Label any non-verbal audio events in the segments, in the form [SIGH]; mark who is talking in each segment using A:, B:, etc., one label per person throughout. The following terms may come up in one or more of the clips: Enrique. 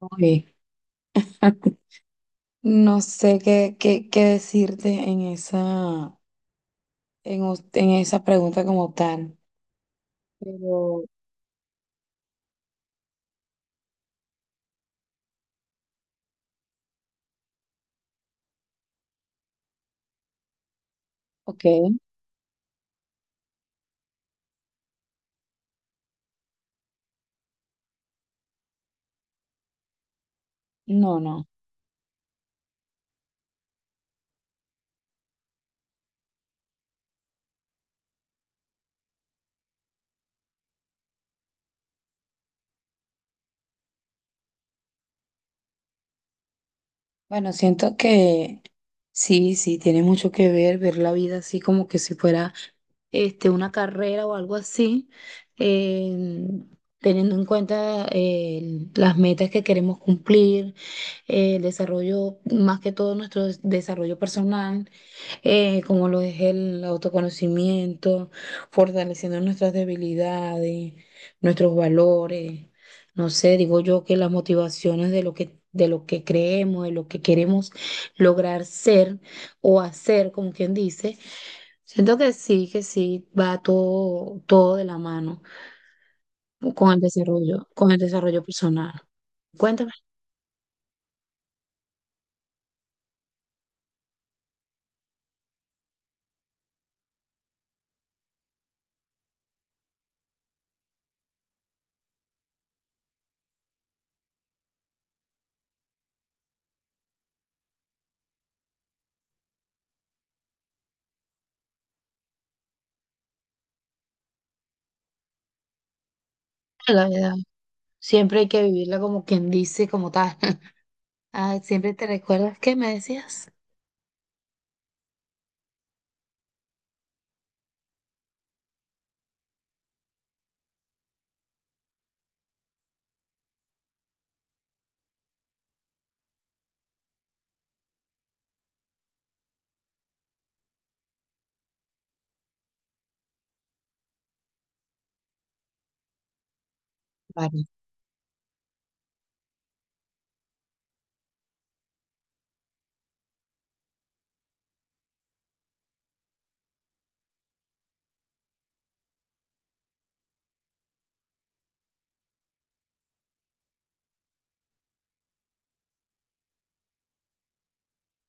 A: Uy, [LAUGHS] No sé qué decirte en esa, en esa pregunta como tal, pero, ok, no, no. Bueno, siento que sí, sí, tiene mucho que ver ver la vida así como que si fuera este, una carrera o algo así, eh, teniendo en cuenta las metas que queremos cumplir, el desarrollo, más que todo nuestro desarrollo personal. Como lo es el autoconocimiento, fortaleciendo nuestras debilidades, nuestros valores. No sé, digo yo que las motivaciones de lo que, creemos, de lo que queremos lograr ser o hacer, como quien dice, siento que sí, va todo, todo de la mano con el desarrollo personal. Cuéntame la verdad. Siempre hay que vivirla como quien dice, como tal. [LAUGHS] Ah, siempre te recuerdas que me decías. Vale.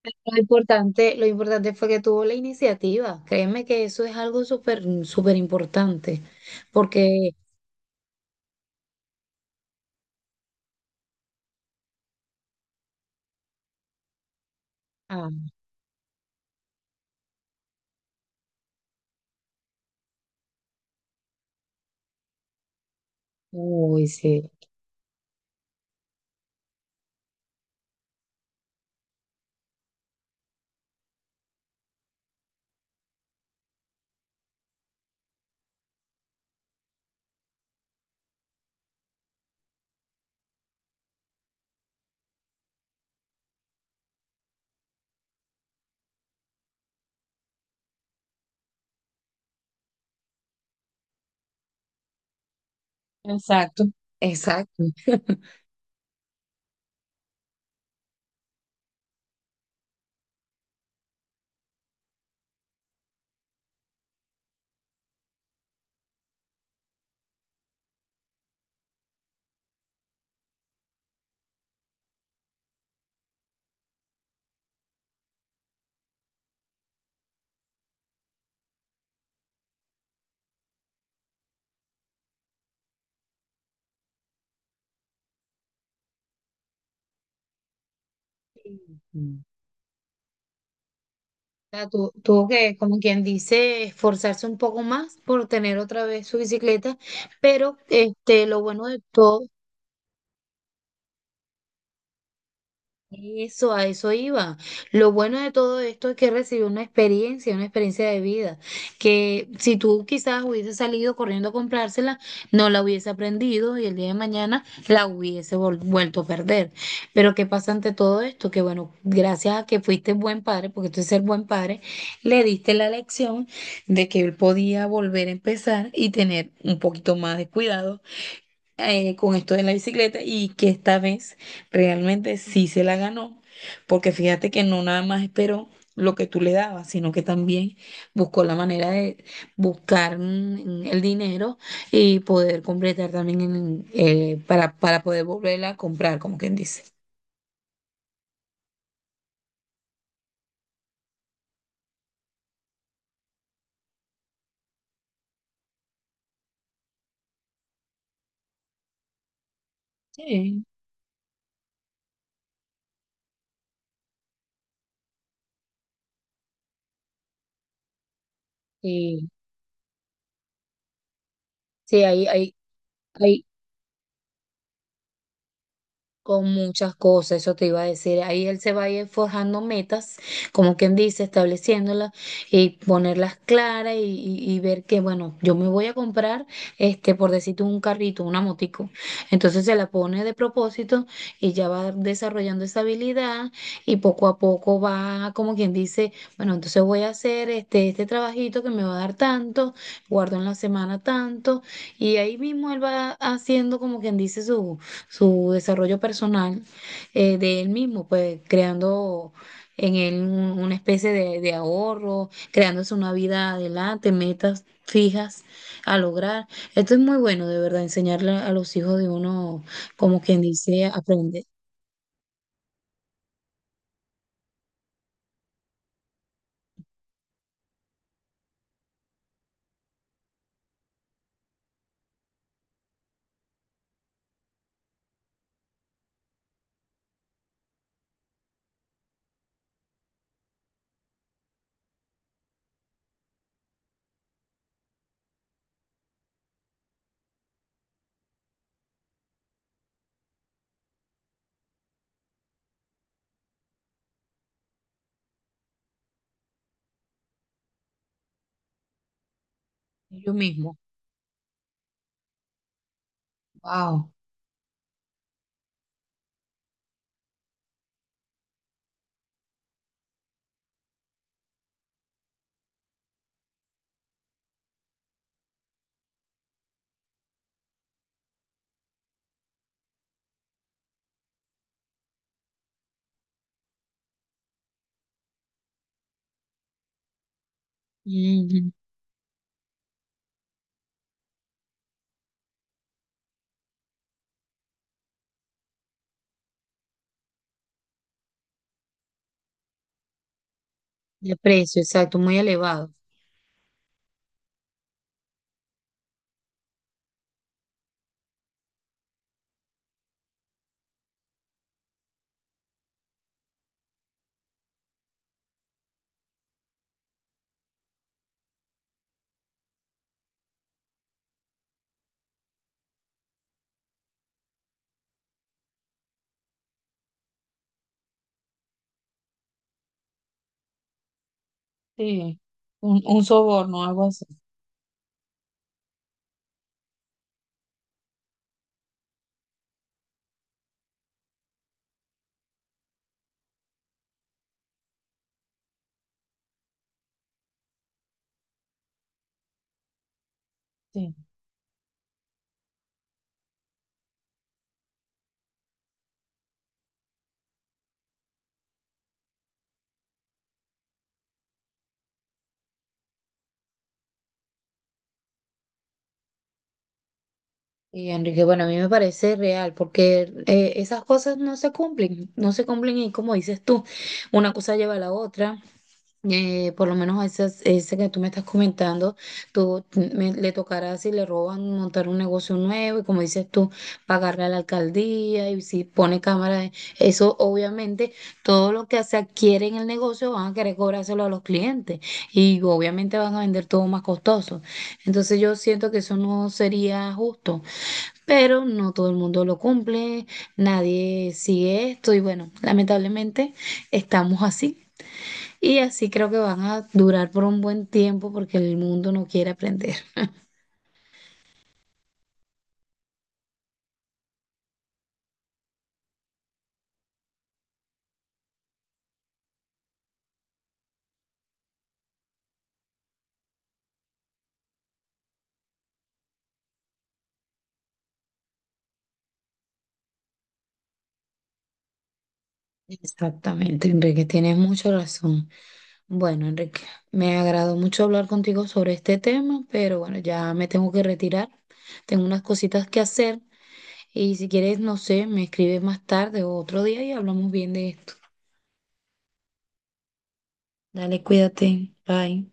A: Lo importante fue que tuvo la iniciativa. Créeme que eso es algo súper, súper importante. Porque, ah, uy, sí. Exacto. Exacto. [LAUGHS] Ujú. O sea, tuvo que, como quien dice, esforzarse un poco más por tener otra vez su bicicleta, pero este, lo bueno de todo. Eso, a eso iba. Lo bueno de todo esto es que recibió una experiencia de vida, que si tú quizás hubiese salido corriendo a comprársela, no la hubiese aprendido y el día de mañana la hubiese vuelto a perder. Pero ¿qué pasa ante todo esto? Que bueno, gracias a que fuiste buen padre, porque tú eres ser buen padre, le diste la lección de que él podía volver a empezar y tener un poquito más de cuidado con esto de la bicicleta y que esta vez realmente sí se la ganó, porque fíjate que no nada más esperó lo que tú le dabas, sino que también buscó la manera de buscar el dinero y poder completar también para poder volverla a comprar, como quien dice. Sí, sí, sí, hay- con muchas cosas, eso te iba a decir. Ahí él se va a ir forjando metas, como quien dice, estableciéndolas y ponerlas claras y ver que, bueno, yo me voy a comprar, este, por decirte un carrito, una motico. Entonces se la pone de propósito y ya va desarrollando esa habilidad y poco a poco va, como quien dice, bueno, entonces voy a hacer este trabajito que me va a dar tanto, guardo en la semana tanto y ahí mismo él va haciendo, como quien dice, su desarrollo personal de él mismo, pues creando en él una especie de, ahorro, creándose una vida adelante, metas fijas a lograr. Esto es muy bueno, de verdad, enseñarle a los hijos de uno, como quien dice, aprender ellos mismos. Wow. Ujú. De precio, exacto, muy elevado. Sí, un soborno, algo así. Sí. Y Enrique, bueno, a mí me parece real porque esas cosas no se cumplen, no se cumplen y como dices tú, una cosa lleva a la otra por lo menos a ese que tú me estás comentando, tú le tocará si le roban montar un negocio nuevo y como dices tú, pagarle a la alcaldía y si pone cámara, eso obviamente todo lo que se adquiere en el negocio van a querer cobrárselo a los clientes y obviamente van a vender todo más costoso. Entonces yo siento que eso no sería justo, pero no todo el mundo lo cumple, nadie sigue esto y bueno, lamentablemente estamos así. Y así creo que van a durar por un buen tiempo porque el mundo no quiere aprender. [LAUGHS] Exactamente, Enrique, tienes mucha razón. Bueno, Enrique, me agradó mucho hablar contigo sobre este tema, pero bueno, ya me tengo que retirar. Tengo unas cositas que hacer y si quieres, no sé, me escribes más tarde o otro día y hablamos bien de esto. Dale, cuídate. Bye.